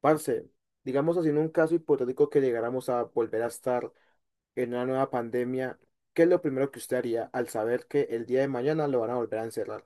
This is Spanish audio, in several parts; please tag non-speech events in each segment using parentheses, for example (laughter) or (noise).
Parce, digamos así, en un caso hipotético que llegáramos a volver a estar en una nueva pandemia, ¿qué es lo primero que usted haría al saber que el día de mañana lo van a volver a encerrar?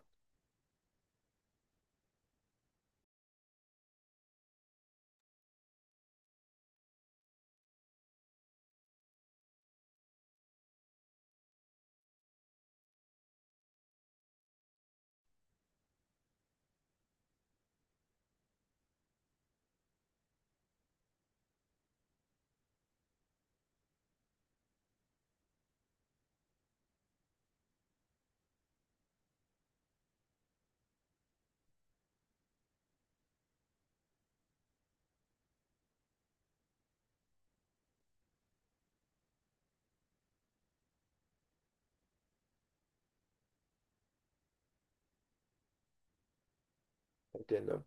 Entiendo,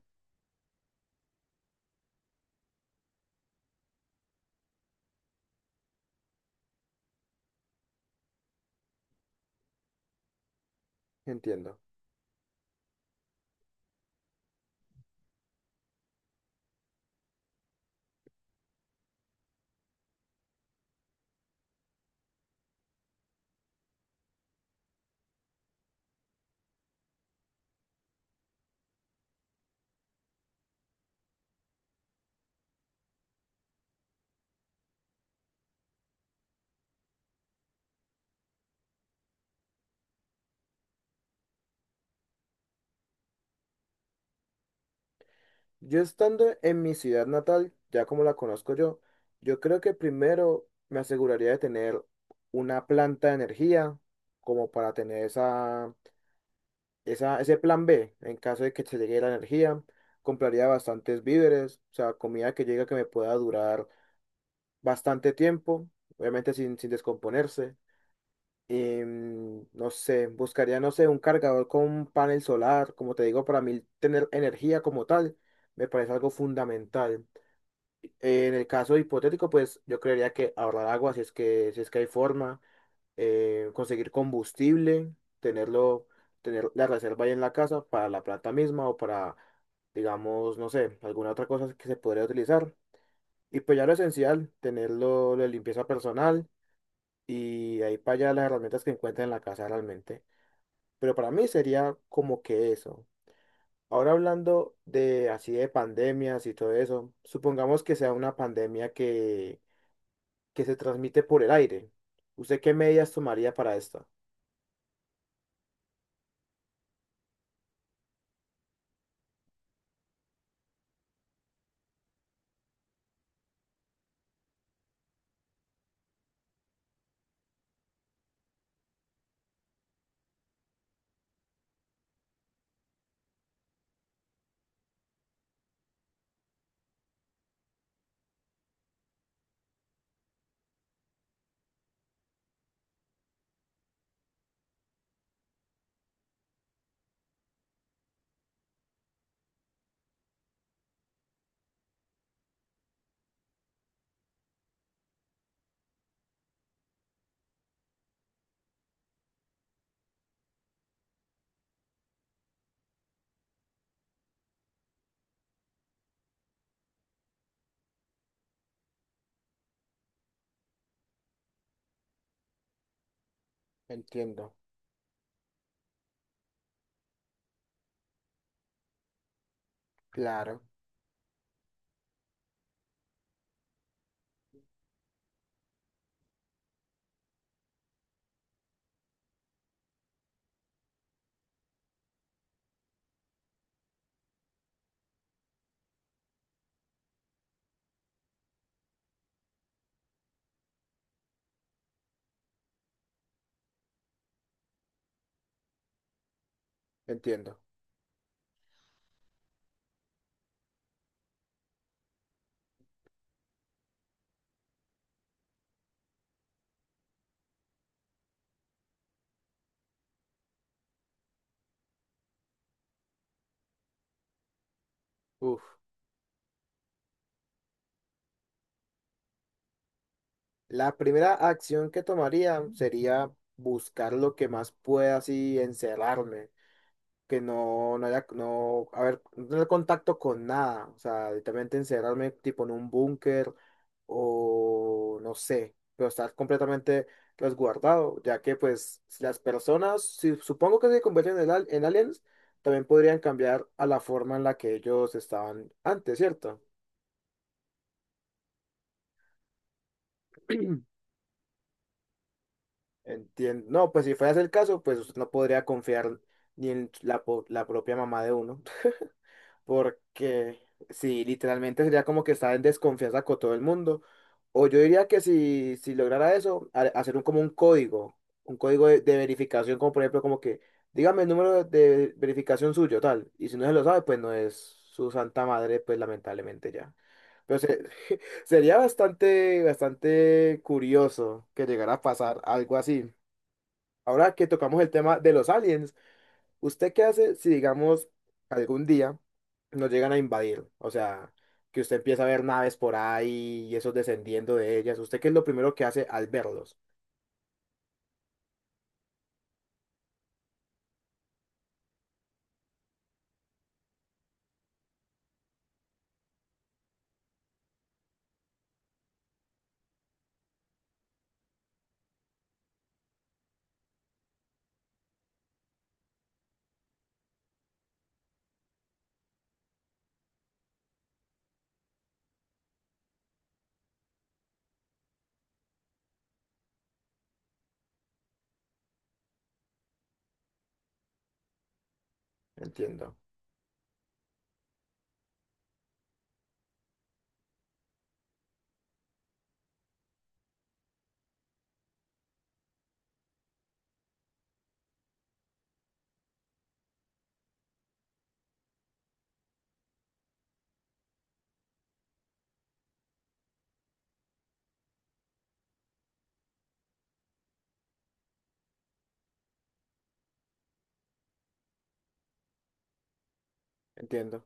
entiendo. Yo estando en mi ciudad natal, ya como la conozco yo, yo creo que primero me aseguraría de tener una planta de energía como para tener ese plan B en caso de que se llegue la energía. Compraría bastantes víveres, o sea, comida que llegue que me pueda durar bastante tiempo, obviamente sin descomponerse. No sé, buscaría, no sé, un cargador con un panel solar, como te digo, para mí tener energía como tal me parece algo fundamental. En el caso hipotético, pues yo creería que ahorrar agua, si es que hay forma, conseguir combustible, tenerlo, tener la reserva ahí en la casa para la planta misma o para, digamos, no sé, alguna otra cosa que se podría utilizar. Y pues ya lo esencial, tenerlo, la limpieza personal y ahí para allá las herramientas que encuentren en la casa realmente. Pero para mí sería como que eso. Ahora hablando de así de pandemias y todo eso, supongamos que sea una pandemia que se transmite por el aire. ¿Usted qué medidas tomaría para esto? Entiendo, claro, entiendo. Uf. La primera acción que tomaría sería buscar lo que más pueda así encerrarme que no, no haya, no, a ver, no tener contacto con nada, o sea, literalmente encerrarme tipo en un búnker o no sé, pero estar completamente resguardado, ya que pues si las personas, si supongo que se convierten en, al- en aliens, también podrían cambiar a la forma en la que ellos estaban antes, ¿cierto? (clears throat) Entiendo. No, pues si fuera ese el caso, pues usted no podría confiar ni en la, po- la propia mamá de uno. Porque sí, literalmente sería como que está en desconfianza con todo el mundo. O yo diría que si, si lograra eso, ha- hacer un, como un código de verificación, como por ejemplo, como que dígame el número de verificación suyo, tal. Y si no se lo sabe, pues no es su santa madre, pues lamentablemente ya. Pero se- (laughs) sería bastante, bastante curioso que llegara a pasar algo así. Ahora que tocamos el tema de los aliens. ¿Usted qué hace si, digamos, algún día nos llegan a invadir? O sea, que usted empieza a ver naves por ahí y esos descendiendo de ellas. ¿Usted qué es lo primero que hace al verlos? Entiendo, entiendo.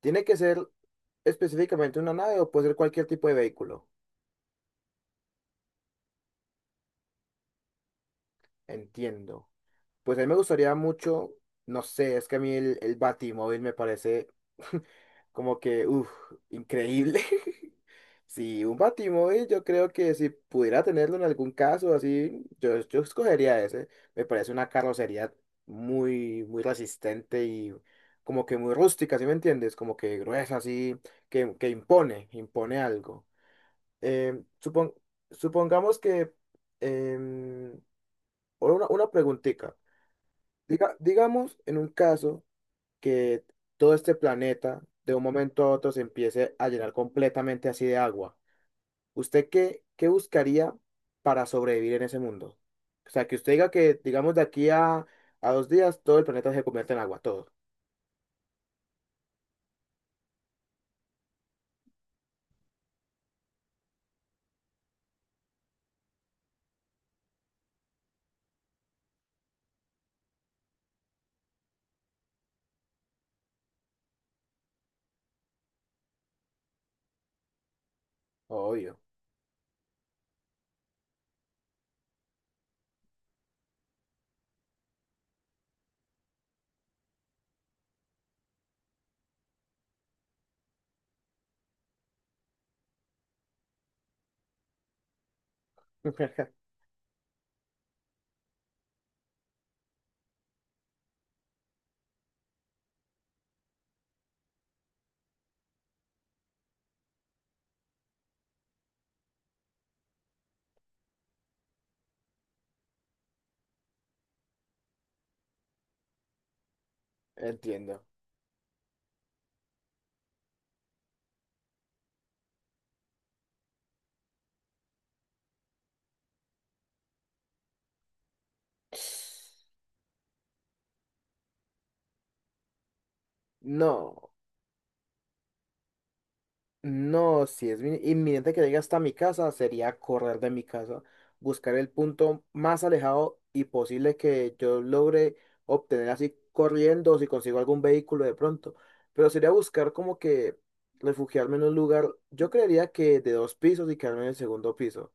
¿Tiene que ser específicamente una nave o puede ser cualquier tipo de vehículo? Entiendo. Pues a mí me gustaría mucho, no sé, es que a mí el Batimóvil me parece (laughs) como que, uff, increíble. (laughs) Sí, un Batimóvil yo creo que si pudiera tenerlo en algún caso así, yo escogería ese. Me parece una carrocería muy, muy resistente y como que muy rústica, ¿sí me entiendes? Como que gruesa, así, que impone, impone algo. Em, supon- Supongamos que... em, ahora una preguntita. Digamos, en un caso que todo este planeta de un momento a otro se empiece a llenar completamente así de agua, ¿usted qué, qué buscaría para sobrevivir en ese mundo? O sea, que usted diga que, digamos, de aquí a 2 días todo el planeta se convierte en agua, todo. Obvio. (laughs) Entiendo. No. No, si es inminente que llegue hasta mi casa, sería correr de mi casa, buscar el punto más alejado y posible que yo logre obtener así corriendo, o si consigo algún vehículo de pronto. Pero sería buscar como que refugiarme en un lugar, yo creería que de dos pisos y quedarme en el segundo piso.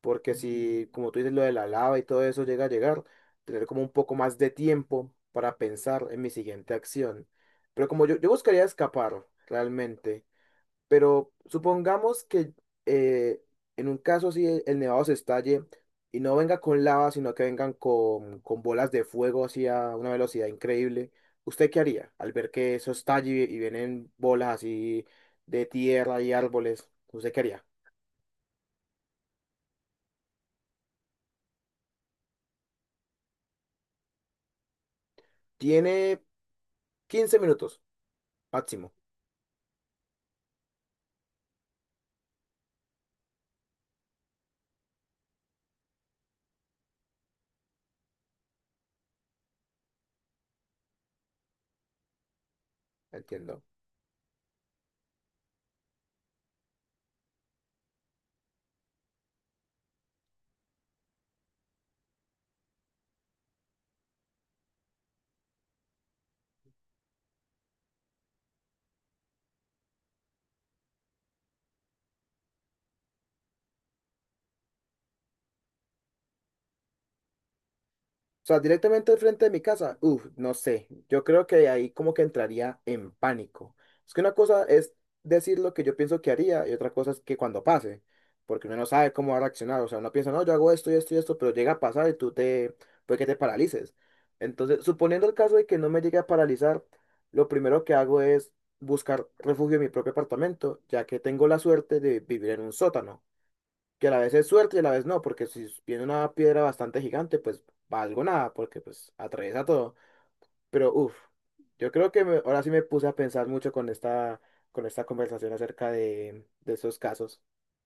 Porque si, como tú dices, lo de la lava y todo eso llega a llegar, tener como un poco más de tiempo para pensar en mi siguiente acción. Pero como yo buscaría escapar realmente. Pero supongamos que eh, en un caso así el nevado se estalle y no venga con lava, sino que vengan con bolas de fuego así a una velocidad increíble. ¿Usted qué haría al ver que eso estalle y vienen bolas así de tierra y árboles? ¿Usted qué haría? Tiene 15 minutos máximo, entiendo. O sea, directamente al frente de mi casa, uff, no sé. Yo creo que ahí como que entraría en pánico. Es que una cosa es decir lo que yo pienso que haría y otra cosa es que cuando pase, porque uno no sabe cómo va a reaccionar. O sea, uno piensa, no, yo hago esto y esto y esto, pero llega a pasar y tú te, puede que te paralices. Entonces, suponiendo el caso de que no me llegue a paralizar, lo primero que hago es buscar refugio en mi propio apartamento, ya que tengo la suerte de vivir en un sótano que a la vez es suerte y a la vez no, porque si viene una piedra bastante gigante, pues valgo nada, porque pues atraviesa todo. Pero uff, yo creo que ahora sí me puse a pensar mucho con esta conversación acerca de esos casos.